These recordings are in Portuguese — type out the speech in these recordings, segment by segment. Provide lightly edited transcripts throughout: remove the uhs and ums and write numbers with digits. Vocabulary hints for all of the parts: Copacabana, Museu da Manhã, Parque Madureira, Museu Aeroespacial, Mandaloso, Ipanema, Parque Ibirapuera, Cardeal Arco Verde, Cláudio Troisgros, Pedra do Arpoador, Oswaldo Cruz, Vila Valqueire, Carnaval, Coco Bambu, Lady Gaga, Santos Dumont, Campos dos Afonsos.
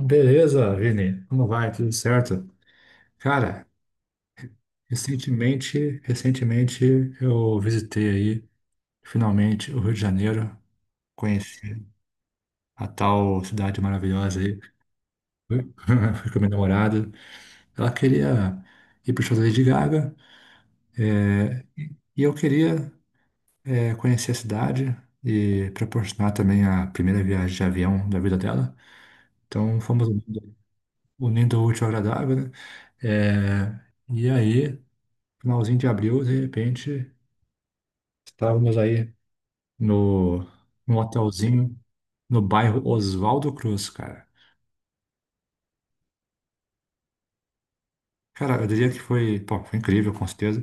Beleza, Vini. Como vai? Tudo certo? Cara, recentemente eu visitei aí, finalmente, o Rio de Janeiro. Conheci a tal cidade maravilhosa aí. Fui fui com a minha namorada. Ela queria ir pro show da Lady Gaga é, e eu queria conhecer a cidade e proporcionar também a primeira viagem de avião da vida dela. Então fomos unindo o útil ao agradável, né? Eh, e aí, finalzinho de abril, de repente. Estávamos aí no, num hotelzinho no bairro Oswaldo Cruz, cara. Cara, eu diria que foi, pô, foi incrível, com certeza.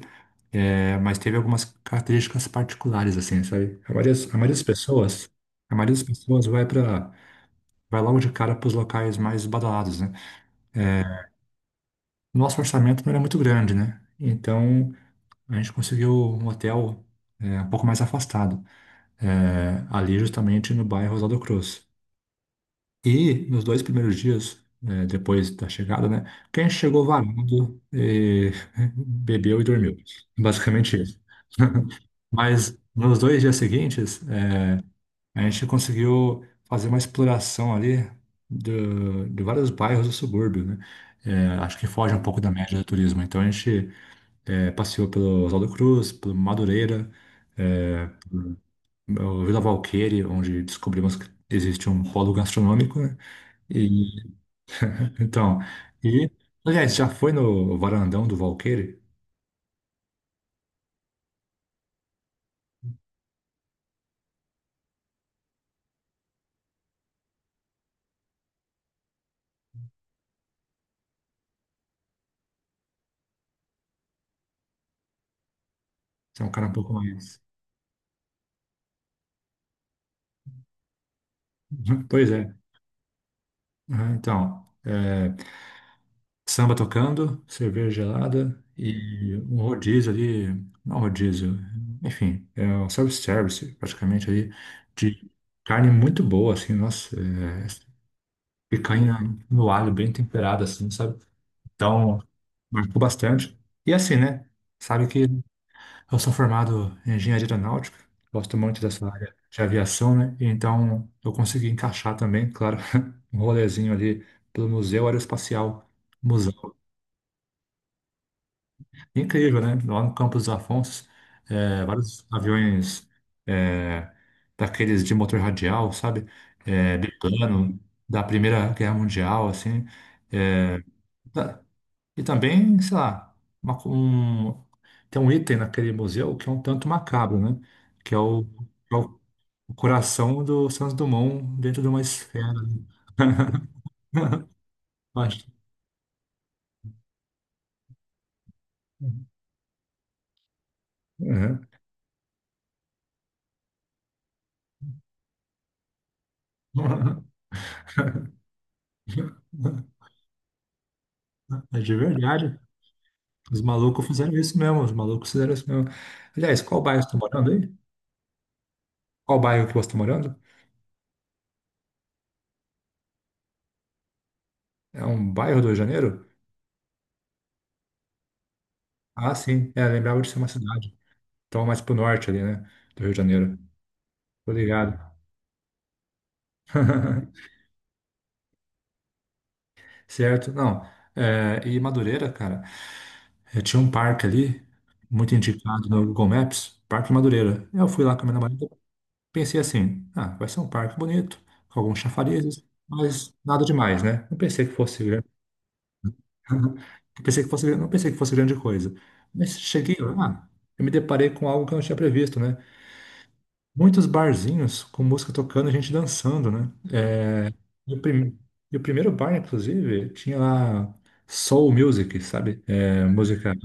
É, mas teve algumas características particulares, assim, sabe? A maioria das pessoas vai logo de cara para os locais mais badalados, né? Nosso orçamento não era muito grande, né? Então a gente conseguiu um hotel um pouco mais afastado, ali justamente no bairro Oswaldo Cruz. E nos dois primeiros dias, né, depois da chegada, né? Quem chegou varando, bebeu e dormiu. Basicamente isso. Mas nos dois dias seguintes, a gente conseguiu fazer uma exploração ali de vários bairros do subúrbio, né? Acho que foge um pouco da média do turismo. Então a gente passeou pelo Oswaldo Cruz, pelo Madureira, eh, o Vila Valqueire, onde descobrimos que existe um polo gastronômico, né? Então, e, aliás, já foi no varandão do Valqueire? Você é um cara um pouco mais. Pois é. Aham. Então, é, samba tocando, cerveja gelada e um rodízio ali, não rodízio, enfim, é um self-service praticamente ali, de carne muito boa, assim, nossa, é, picanha no alho, bem temperada, assim, sabe? Então, marcou bastante. E assim, né? Sabe que eu sou formado em engenharia aeronáutica, gosto muito dessa área de aviação, né? E então eu consegui encaixar também, claro, um rolezinho ali pelo Museu Aeroespacial, museu. Incrível, né? Lá no Campos dos Afonsos, é, vários aviões é, daqueles de motor radial, sabe? É, biplano, da Primeira Guerra Mundial, assim. É, e também, sei lá, uma- um, tem um item naquele museu que é um tanto macabro, né? Que é é o o coração do Santos Dumont dentro de uma esfera. Acho- É. É de verdade. Os malucos fizeram isso mesmo. Os malucos fizeram isso mesmo. Aliás, qual bairro você está morando aí? Qual bairro que você está morando? É um bairro do Rio de Janeiro? Ah, sim. É, lembrava de ser uma cidade. Então, mais pro norte ali, né? Do Rio de Janeiro. Tô ligado. Certo? Não. É, e Madureira, cara, tinha um parque ali, muito indicado no Google Maps, Parque Madureira. Eu fui lá com a minha namorada, pensei assim, ah, vai ser um parque bonito, com alguns chafarizes, mas nada demais, né? Não pensei que fosse grande, não não pensei que fosse grande coisa. Mas cheguei lá, eu me deparei com algo que eu não tinha previsto, né? Muitos barzinhos com música tocando, e gente dançando, né? E o, prim... e o primeiro bar, inclusive, tinha lá soul music, sabe? É, música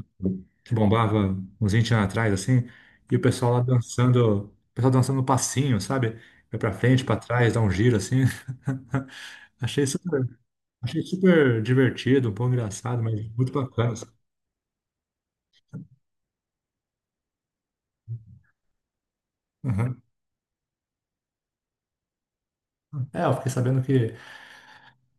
que bombava uns 20 anos atrás, assim. E o pessoal lá dançando, o pessoal dançando no passinho, sabe? Vai pra frente, pra trás, dá um giro, assim. Achei super, achei super divertido, um pouco engraçado, mas muito bacana, sabe? Uhum. É, eu fiquei sabendo que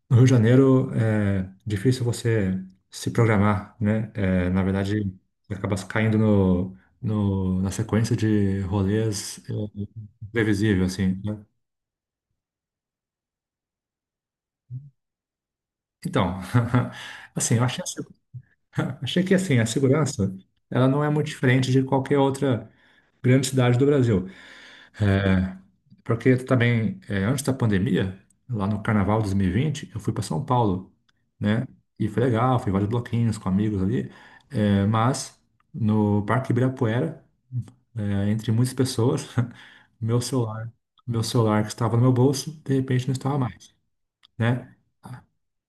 no Rio de Janeiro é difícil você se programar, né? É, na verdade, você acaba caindo na sequência de rolês previsível, assim, né? Então, assim, eu achei, a segu- achei que assim, a segurança ela não é muito diferente de qualquer outra grande cidade do Brasil. Porque também, antes da pandemia, lá no Carnaval de 2020, eu fui para São Paulo, né? E foi legal, fui em vários bloquinhos com amigos ali, mas no Parque Ibirapuera, entre muitas pessoas, meu celular, meu celular que estava no meu bolso, de repente não estava mais, né?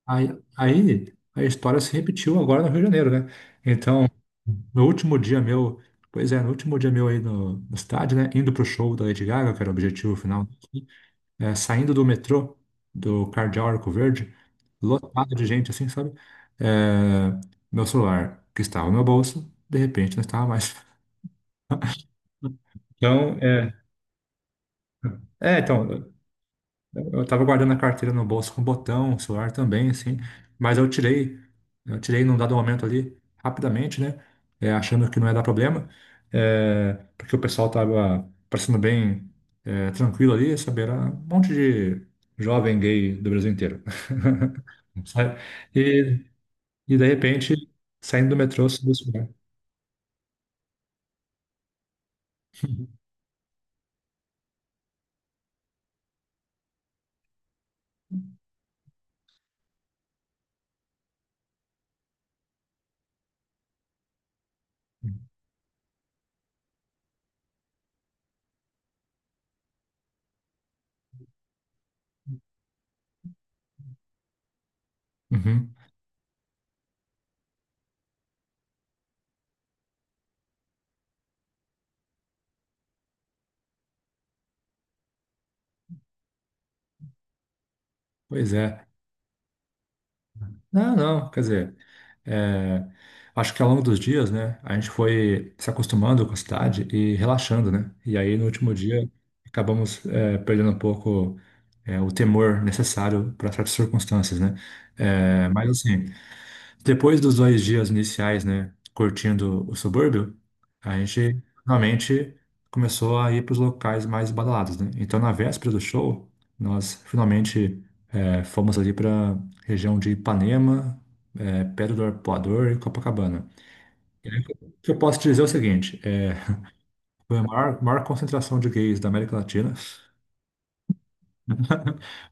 Aí, aí, a história se repetiu agora no Rio de Janeiro, né? Então, no último dia meu, pois é, no último dia meu aí no estádio, né? Indo pro show da Lady Gaga, que era o objetivo final saindo do metrô do Cardeal Arco Verde, lotado de gente assim, sabe? É, meu celular, que estava no meu bolso, de repente não estava mais. Então, é, é, então, eu tava guardando a carteira no bolso com botão, o celular também, assim. Mas eu tirei num dado momento ali, rapidamente, né? Achando que não ia dar problema, porque o pessoal tava parecendo bem tranquilo ali, sabe? Era um monte de jovem gay do Brasil inteiro. Sabe? E, e, de repente, saindo do metrô, subiu o celular. Uhum. Pois é. Não, não, quer dizer. É, acho que ao longo dos dias, né, a gente foi se acostumando com a cidade e relaxando, né? E aí no último dia acabamos perdendo um pouco o temor necessário para certas circunstâncias, né? É, mas assim. Depois dos dois dias iniciais, né, curtindo o subúrbio, a gente finalmente começou a ir para os locais mais badalados, né? Então, na véspera do show, nós finalmente fomos ali para região de Ipanema, Pedra do Arpoador e Copacabana. E aí, o que eu posso te dizer é o seguinte: foi a maior, maior concentração de gays da América Latina.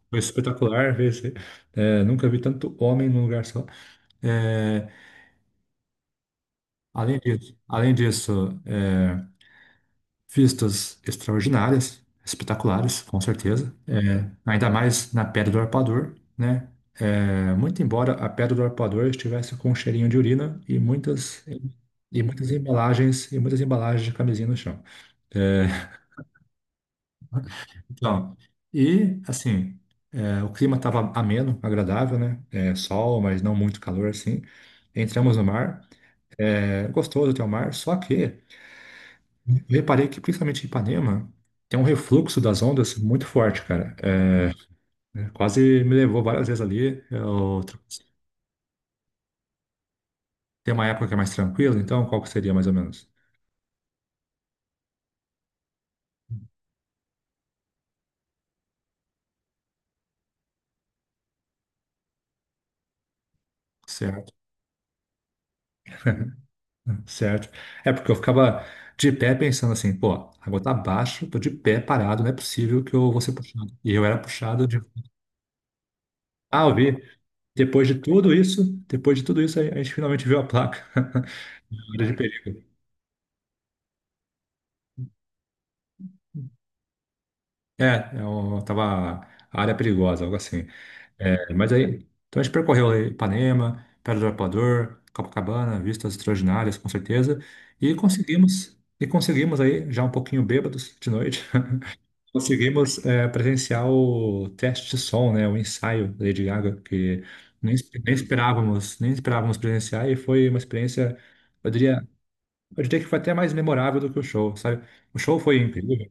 Foi espetacular ver nunca vi tanto homem num lugar só. Eh, além disso, vistas extraordinárias, espetaculares, com certeza. É, ainda mais na Pedra do Arpoador, né? É, muito embora a Pedra do Arpoador estivesse com um cheirinho de urina e muitas embalagens de camisinha no chão. É, então, e assim, o clima estava ameno, agradável, né? É, sol, mas não muito calor assim. Entramos no mar, gostoso até o mar, só que eu reparei que, principalmente em Ipanema, tem um refluxo das ondas muito forte, cara. É, né? Quase me levou várias vezes ali. Eu... Tem uma época que é mais tranquila, então qual que seria mais ou menos? Certo, certo. É porque eu ficava de pé pensando assim, pô, a água tá abaixo, tô de pé parado, não é possível que eu vou ser puxado. E eu era puxado de. Ah, eu vi. Depois de tudo isso, depois de tudo isso, a gente finalmente viu a placa. Área de perigo. É, eu tava área perigosa, algo assim. É, mas aí, então a gente percorreu aí Ipanema, Pedra do Arpoador, Copacabana, vistas extraordinárias, com certeza, e conseguimos aí, já um pouquinho bêbados de noite, conseguimos presenciar o teste de som, né, o ensaio da Lady Gaga, que nem, nem esperávamos presenciar, e foi uma experiência, eu diria, eu diria que foi até mais memorável do que o show, sabe? O show foi incrível,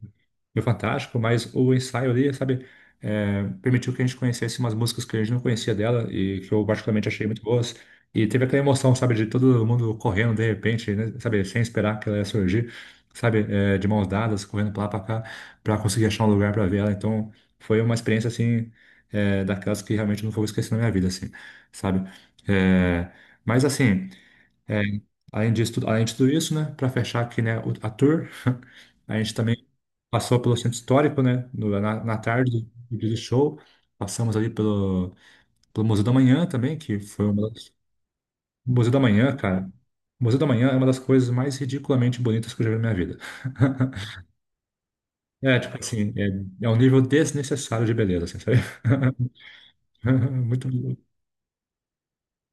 foi fantástico, mas o ensaio ali, sabe, permitiu que a gente conhecesse umas músicas que a gente não conhecia dela e que eu particularmente achei muito boas. E teve aquela emoção, sabe, de todo mundo correndo de repente, né, sabe, sem esperar que ela ia surgir, sabe, de mãos dadas, correndo pra lá pra cá, pra conseguir achar um lugar pra ver ela. Então, foi uma experiência, assim, daquelas que realmente eu não vou esquecer na minha vida, assim, sabe? É, mas, assim. É, além disso, além de tudo isso, né, para fechar aqui, né, a tour, a gente também passou pelo centro histórico, né, na tarde do dia do show, passamos ali pelo Museu da Manhã também, que foi uma das... O Museu da Manhã, cara, o Museu da Manhã é uma das coisas mais ridiculamente bonitas que eu já vi na minha vida. É, tipo assim, é um nível desnecessário de beleza, assim, sabe? Muito,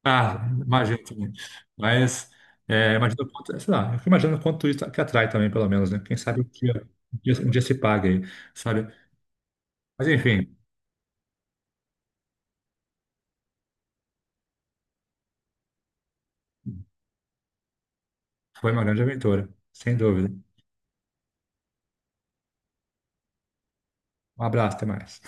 ah, imagino também. Mas, imagino quanto, sei lá, eu fico imaginando quanto isso que atrai também, pelo menos, né? Quem sabe um dia, um dia, um dia se paga aí, sabe? Mas, enfim, foi uma grande aventura, sem dúvida. Um abraço, até mais.